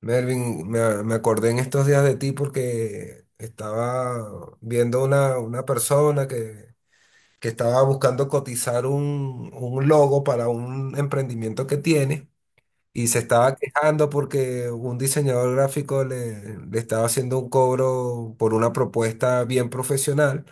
Melvin, me acordé en estos días de ti porque estaba viendo una persona que estaba buscando cotizar un logo para un emprendimiento que tiene. Y se estaba quejando porque un diseñador gráfico le estaba haciendo un cobro por una propuesta bien profesional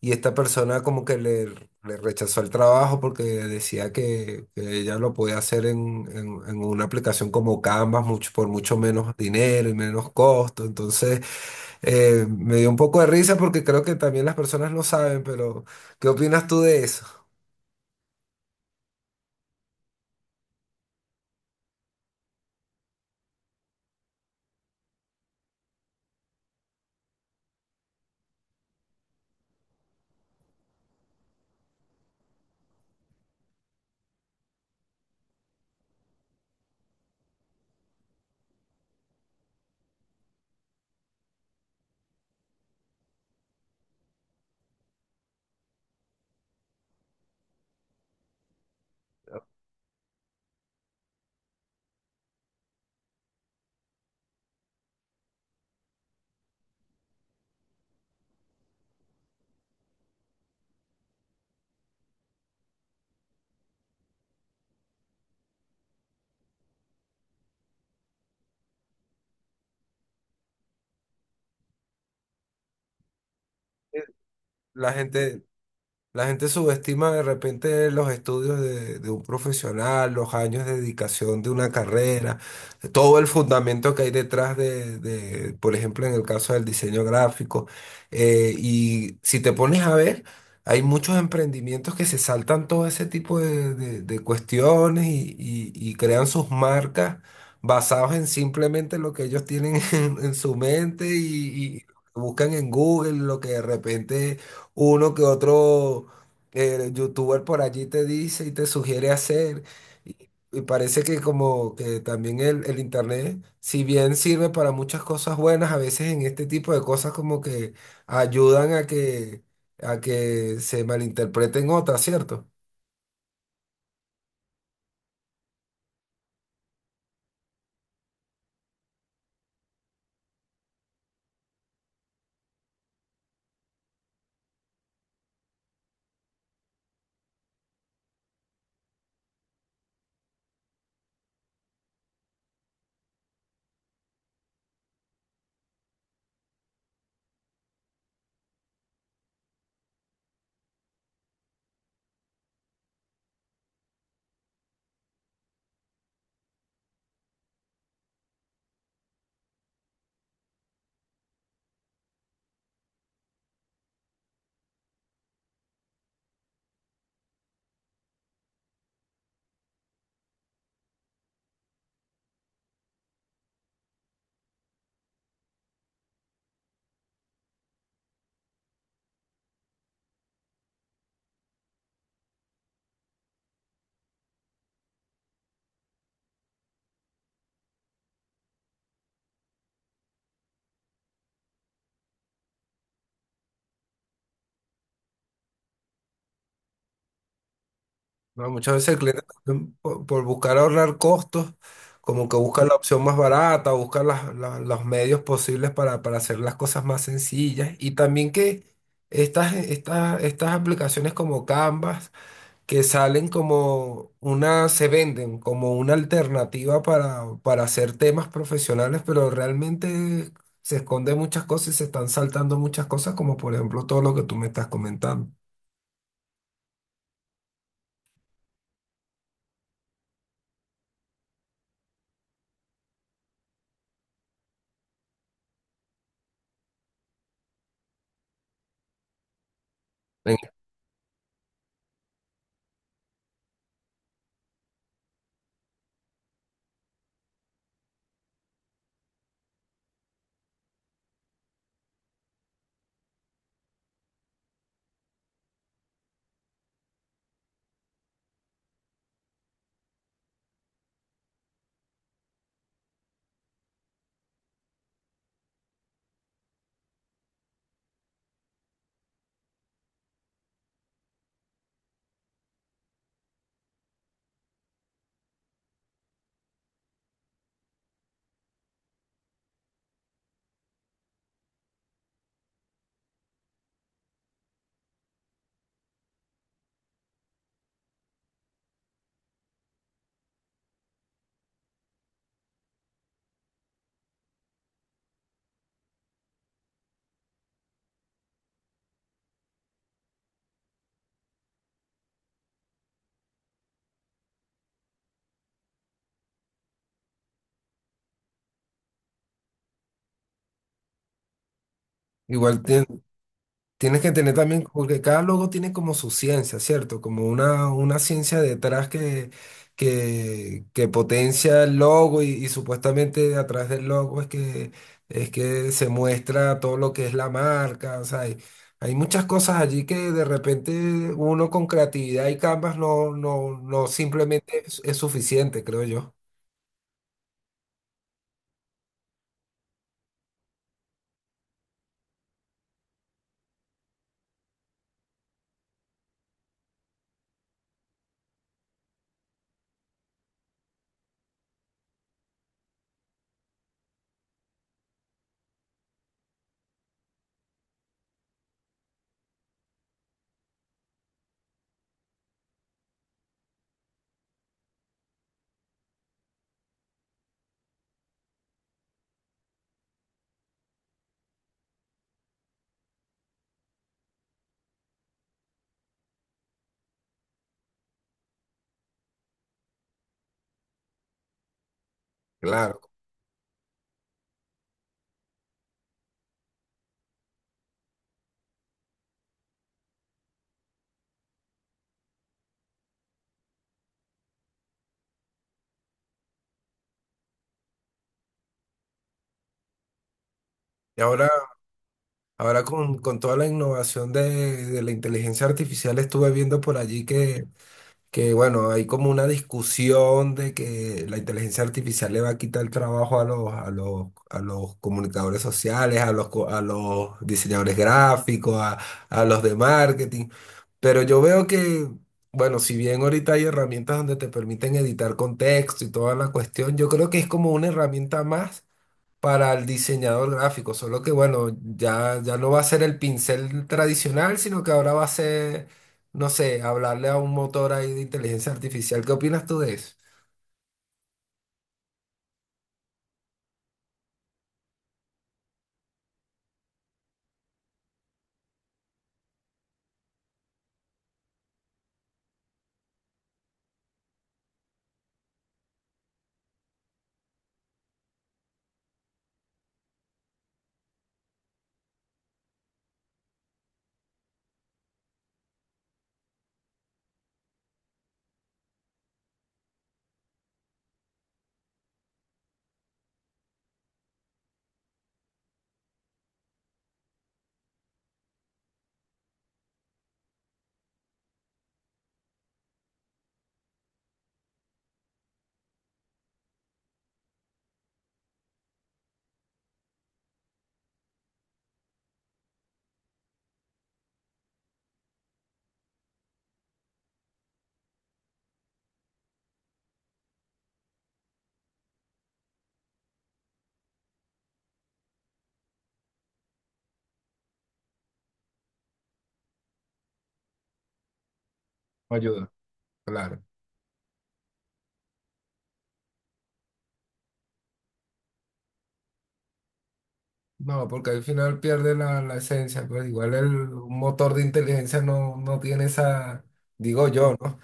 y esta persona como que le rechazó el trabajo porque decía que ella lo podía hacer en, en una aplicación como Canva mucho, por mucho menos dinero y menos costo. Me dio un poco de risa porque creo que también las personas lo saben, pero ¿qué opinas tú de eso? La gente... La gente subestima de repente los estudios de un profesional, los años de dedicación de una carrera, todo el fundamento que hay detrás de, por ejemplo, en el caso del diseño gráfico. Y si te pones a ver, hay muchos emprendimientos que se saltan todo ese tipo de, de cuestiones y, y crean sus marcas basados en simplemente lo que ellos tienen en su mente y buscan en Google lo que de repente uno que otro youtuber por allí te dice y te sugiere hacer. Y parece que como que también el internet, si bien sirve para muchas cosas buenas, a veces en este tipo de cosas como que ayudan a que se malinterpreten otras, ¿cierto? No, muchas veces el cliente también por buscar ahorrar costos, como que busca la opción más barata, busca los medios posibles para hacer las cosas más sencillas. Y también que estas aplicaciones como Canvas, que salen como una, se venden como una alternativa para hacer temas profesionales, pero realmente se esconden muchas cosas y se están saltando muchas cosas, como por ejemplo todo lo que tú me estás comentando. Ven, igual tienes que tener también, porque cada logo tiene como su ciencia, ¿cierto? Como una ciencia detrás que, que potencia el logo y supuestamente a través del logo es que se muestra todo lo que es la marca, o sea, hay muchas cosas allí que de repente uno con creatividad y Canvas no, no, no simplemente es suficiente, creo yo. Claro. Y ahora, ahora con toda la innovación de la inteligencia artificial estuve viendo por allí que bueno, hay como una discusión de que la inteligencia artificial le va a quitar el trabajo a los, a los, a los comunicadores sociales, a los, a los diseñadores gráficos, a los de marketing. Pero yo veo que, bueno, si bien ahorita hay herramientas donde te permiten editar contexto y toda la cuestión, yo creo que es como una herramienta más para el diseñador gráfico, solo que bueno, ya, ya no va a ser el pincel tradicional, sino que ahora va a ser, no sé, hablarle a un motor ahí de inteligencia artificial. ¿Qué opinas tú de eso? Ayuda. Claro. No, porque al final pierde la, la esencia, pues igual el un motor de inteligencia no, no tiene esa, digo yo, ¿no?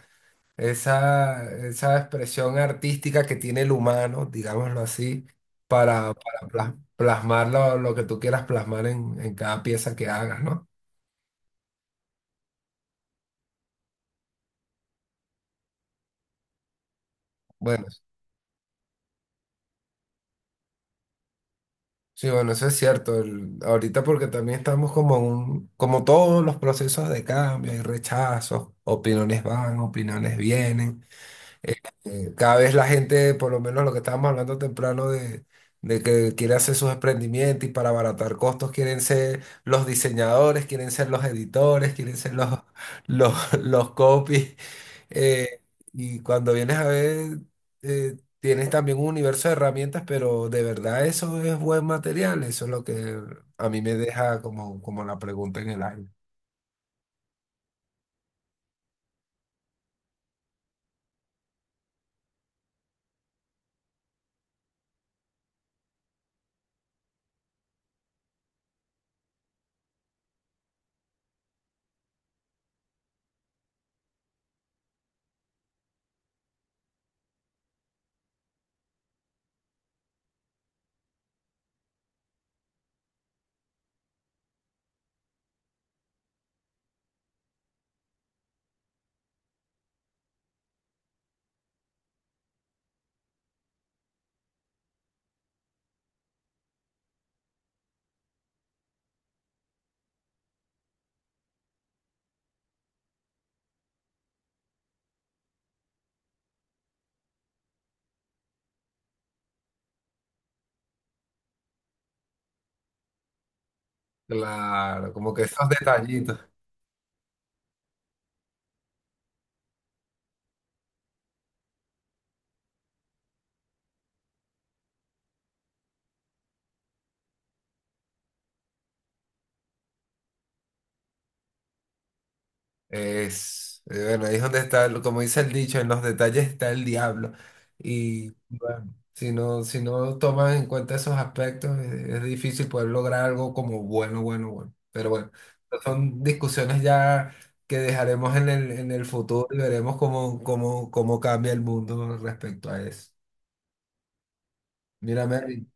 Esa expresión artística que tiene el humano, digámoslo así, para plasmar lo que tú quieras plasmar en cada pieza que hagas, ¿no? Bueno, sí, bueno, eso es cierto. El- ahorita porque también estamos como en un, como todos los procesos de cambio, hay rechazos, opiniones van, opiniones vienen. Eh, Cada vez la gente, por lo menos lo que estábamos hablando temprano de que quiere hacer sus emprendimientos y para abaratar costos quieren ser los diseñadores, quieren ser los editores, quieren ser los, los, los copies. Eh, y cuando vienes a ver, tienes también un universo de herramientas, pero de verdad eso es buen material. Eso es lo que a mí me deja como, como la pregunta en el aire. Claro, como que esos detallitos. Bueno, ahí es donde está, el- como dice el dicho, en los detalles está el diablo. Y bueno, si no, si no tomas en cuenta esos aspectos, es difícil poder lograr algo como bueno, bueno, bueno. Pero bueno, son discusiones ya que dejaremos en el futuro y veremos cómo, cómo, cómo cambia el mundo respecto a eso. Mira, Mervin,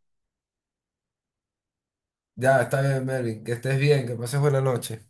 ya está bien, Mervin, que estés bien, que pases buena noche.